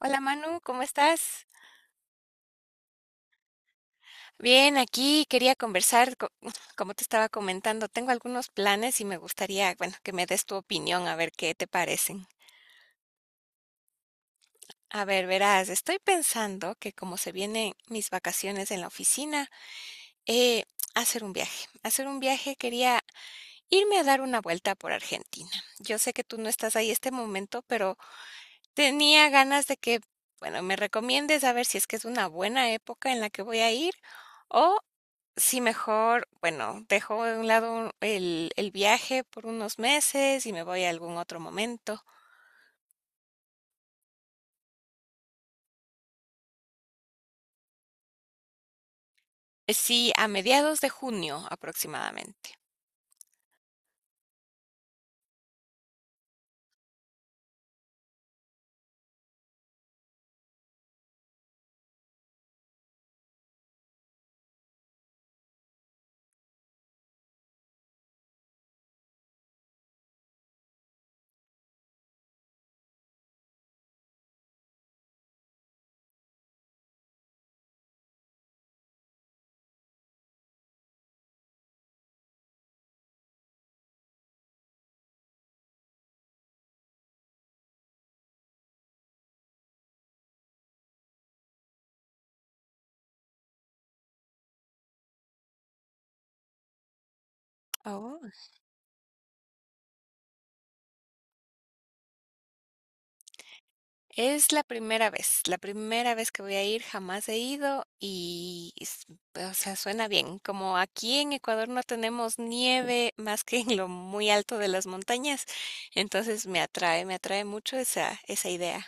Hola, Manu, ¿cómo estás? Bien, aquí quería conversar, co- como te estaba comentando, tengo algunos planes y me gustaría, bueno, que me des tu opinión a ver qué te parecen. A ver, verás, estoy pensando que como se vienen mis vacaciones en la oficina, eh, hacer un viaje. Hacer un viaje, quería irme a dar una vuelta por Argentina. Yo sé que tú no estás ahí este momento, pero tenía ganas de que, bueno, me recomiendes a ver si es que es una buena época en la que voy a ir. Sí, mejor, bueno, dejo de un lado el viaje por unos meses y me voy a algún otro momento. Sí, a mediados de junio aproximadamente. Oh, es la primera vez que voy a ir, jamás he ido y, o sea, suena bien. Como aquí en Ecuador no tenemos nieve más que en lo muy alto de las montañas, entonces me atrae mucho esa, esa idea.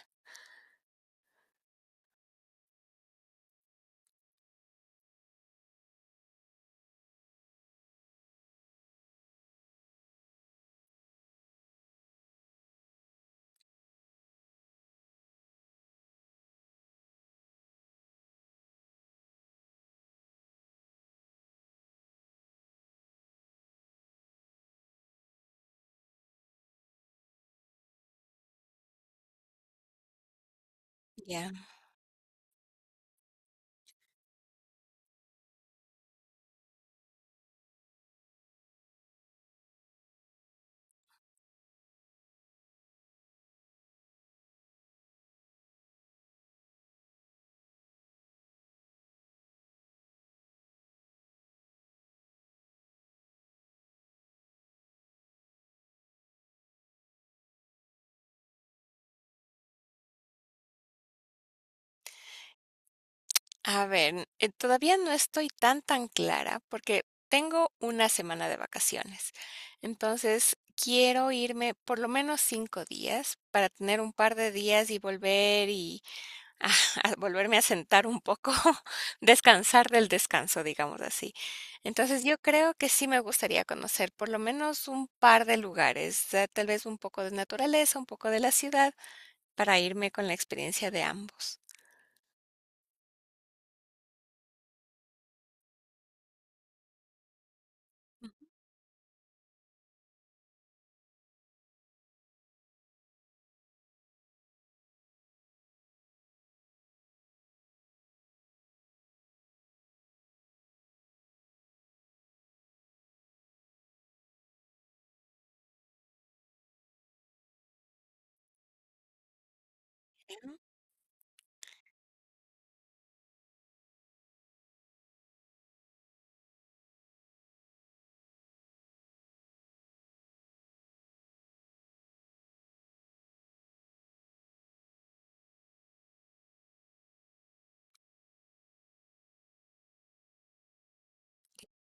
Ya. A ver, todavía no estoy tan, tan clara porque tengo una semana de vacaciones. Entonces, quiero irme por lo menos 5 días para tener un par de días y volver y a- a volverme a sentar un poco, descansar del descanso, digamos así. Entonces, yo creo que sí me gustaría conocer por lo menos un par de lugares, tal vez un poco de naturaleza, un poco de la ciudad, para irme con la experiencia de ambos. Ujú,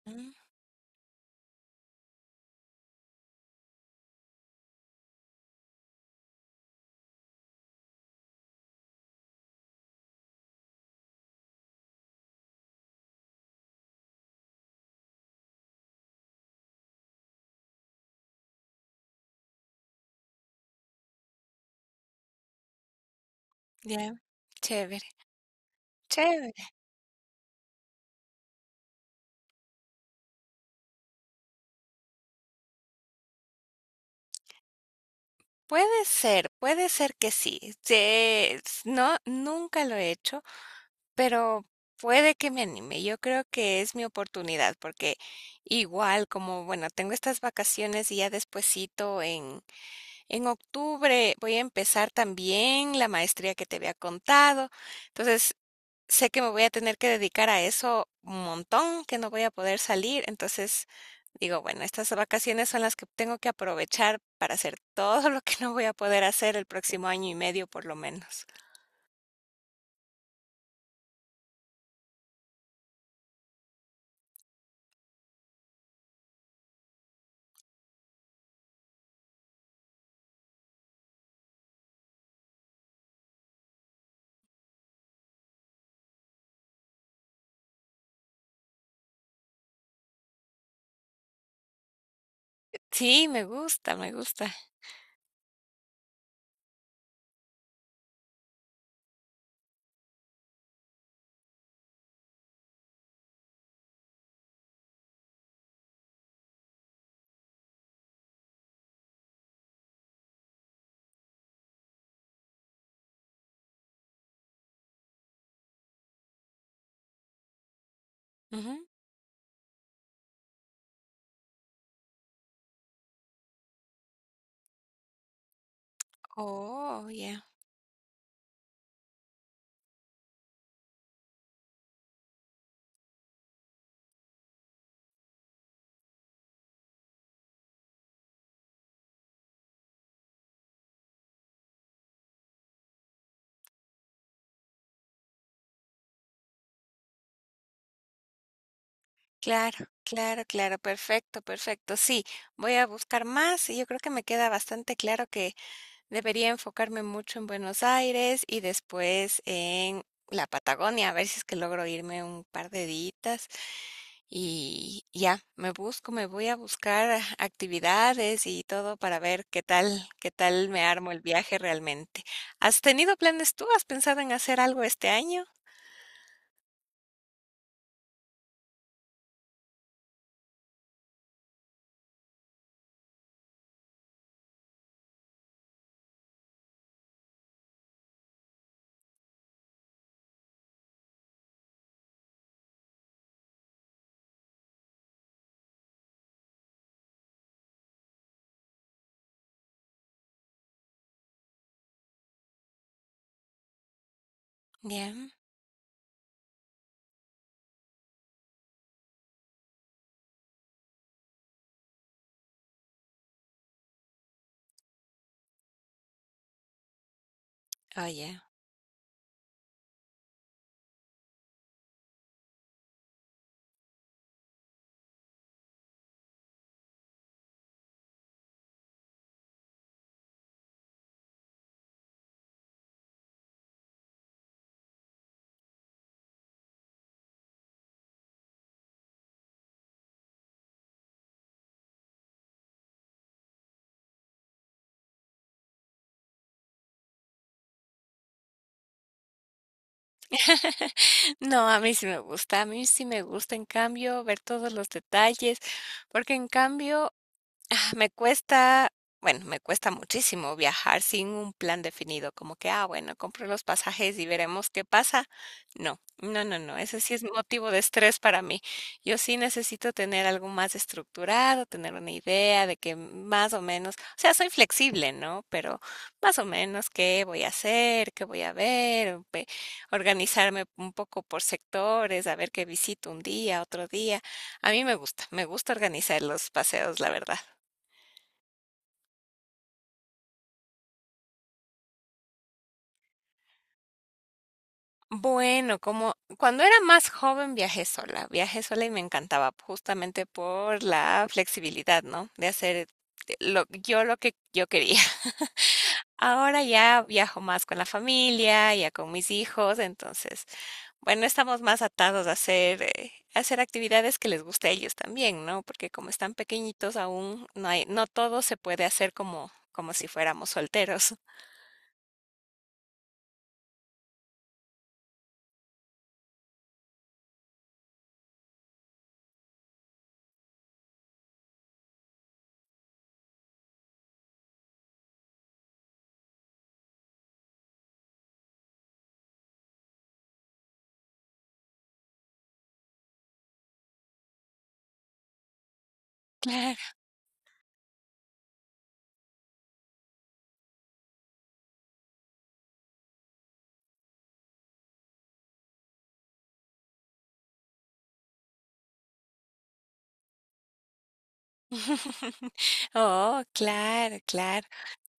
ujú, ya, chévere, chévere. Puede ser que sí. No, nunca lo he hecho, pero puede que me anime. Yo creo que es mi oportunidad, porque igual como, bueno, tengo estas vacaciones y ya despuesito en octubre voy a empezar también la maestría que te había contado. Entonces, sé que me voy a tener que dedicar a eso un montón, que no voy a poder salir. Entonces, digo, bueno, estas vacaciones son las que tengo que aprovechar para hacer todo lo que no voy a poder hacer el próximo año y medio, por lo menos. Sí, me gusta, me gusta. Ujú. Oh, ya. Claro, claro, claro, perfecto, perfecto. Sí, voy a buscar más y yo creo que me queda bastante claro que debería enfocarme mucho en Buenos Aires y después en la Patagonia, a ver si es que logro irme un par de días y ya, me busco, me voy a buscar actividades y todo para ver qué tal me armo el viaje realmente. ¿Has tenido planes tú? ¿Has pensado en hacer algo este año? Ya. Oye, no, a mí sí me gusta, a mí sí me gusta, en cambio, ver todos los detalles, porque en cambio, ah, me cuesta, bueno, me cuesta muchísimo viajar sin un plan definido, como que, ah, bueno, compro los pasajes y veremos qué pasa. No, no, no, no, ese sí es motivo de estrés para mí. Yo sí necesito tener algo más estructurado, tener una idea de que más o menos, o sea, soy flexible, ¿no? Pero más o menos qué voy a hacer, qué voy a ver, organizarme un poco por sectores, a ver qué visito un día, otro día. A mí me gusta organizar los paseos, la verdad. Bueno, como cuando era más joven viajé sola y me encantaba justamente por la flexibilidad, ¿no? De hacer yo lo que yo quería. Ahora ya viajo más con la familia, ya con mis hijos, entonces, bueno, estamos más atados a hacer actividades que les guste a ellos también, ¿no? Porque como están pequeñitos aún, no hay, no todo se puede hacer como, como si fuéramos solteros. Claro. Oh, claro, claro.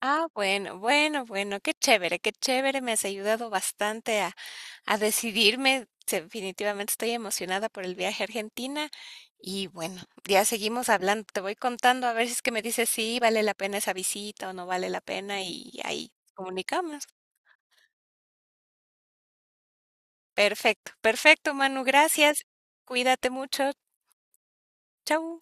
Ah, bueno, bueno, bueno, qué chévere, me has ayudado bastante a decidirme. Definitivamente estoy emocionada por el viaje a Argentina y bueno, ya seguimos hablando, te voy contando a ver si es que me dices si vale la pena esa visita o no vale la pena y ahí comunicamos. Perfecto, perfecto, Manu, gracias. Cuídate mucho. Chau.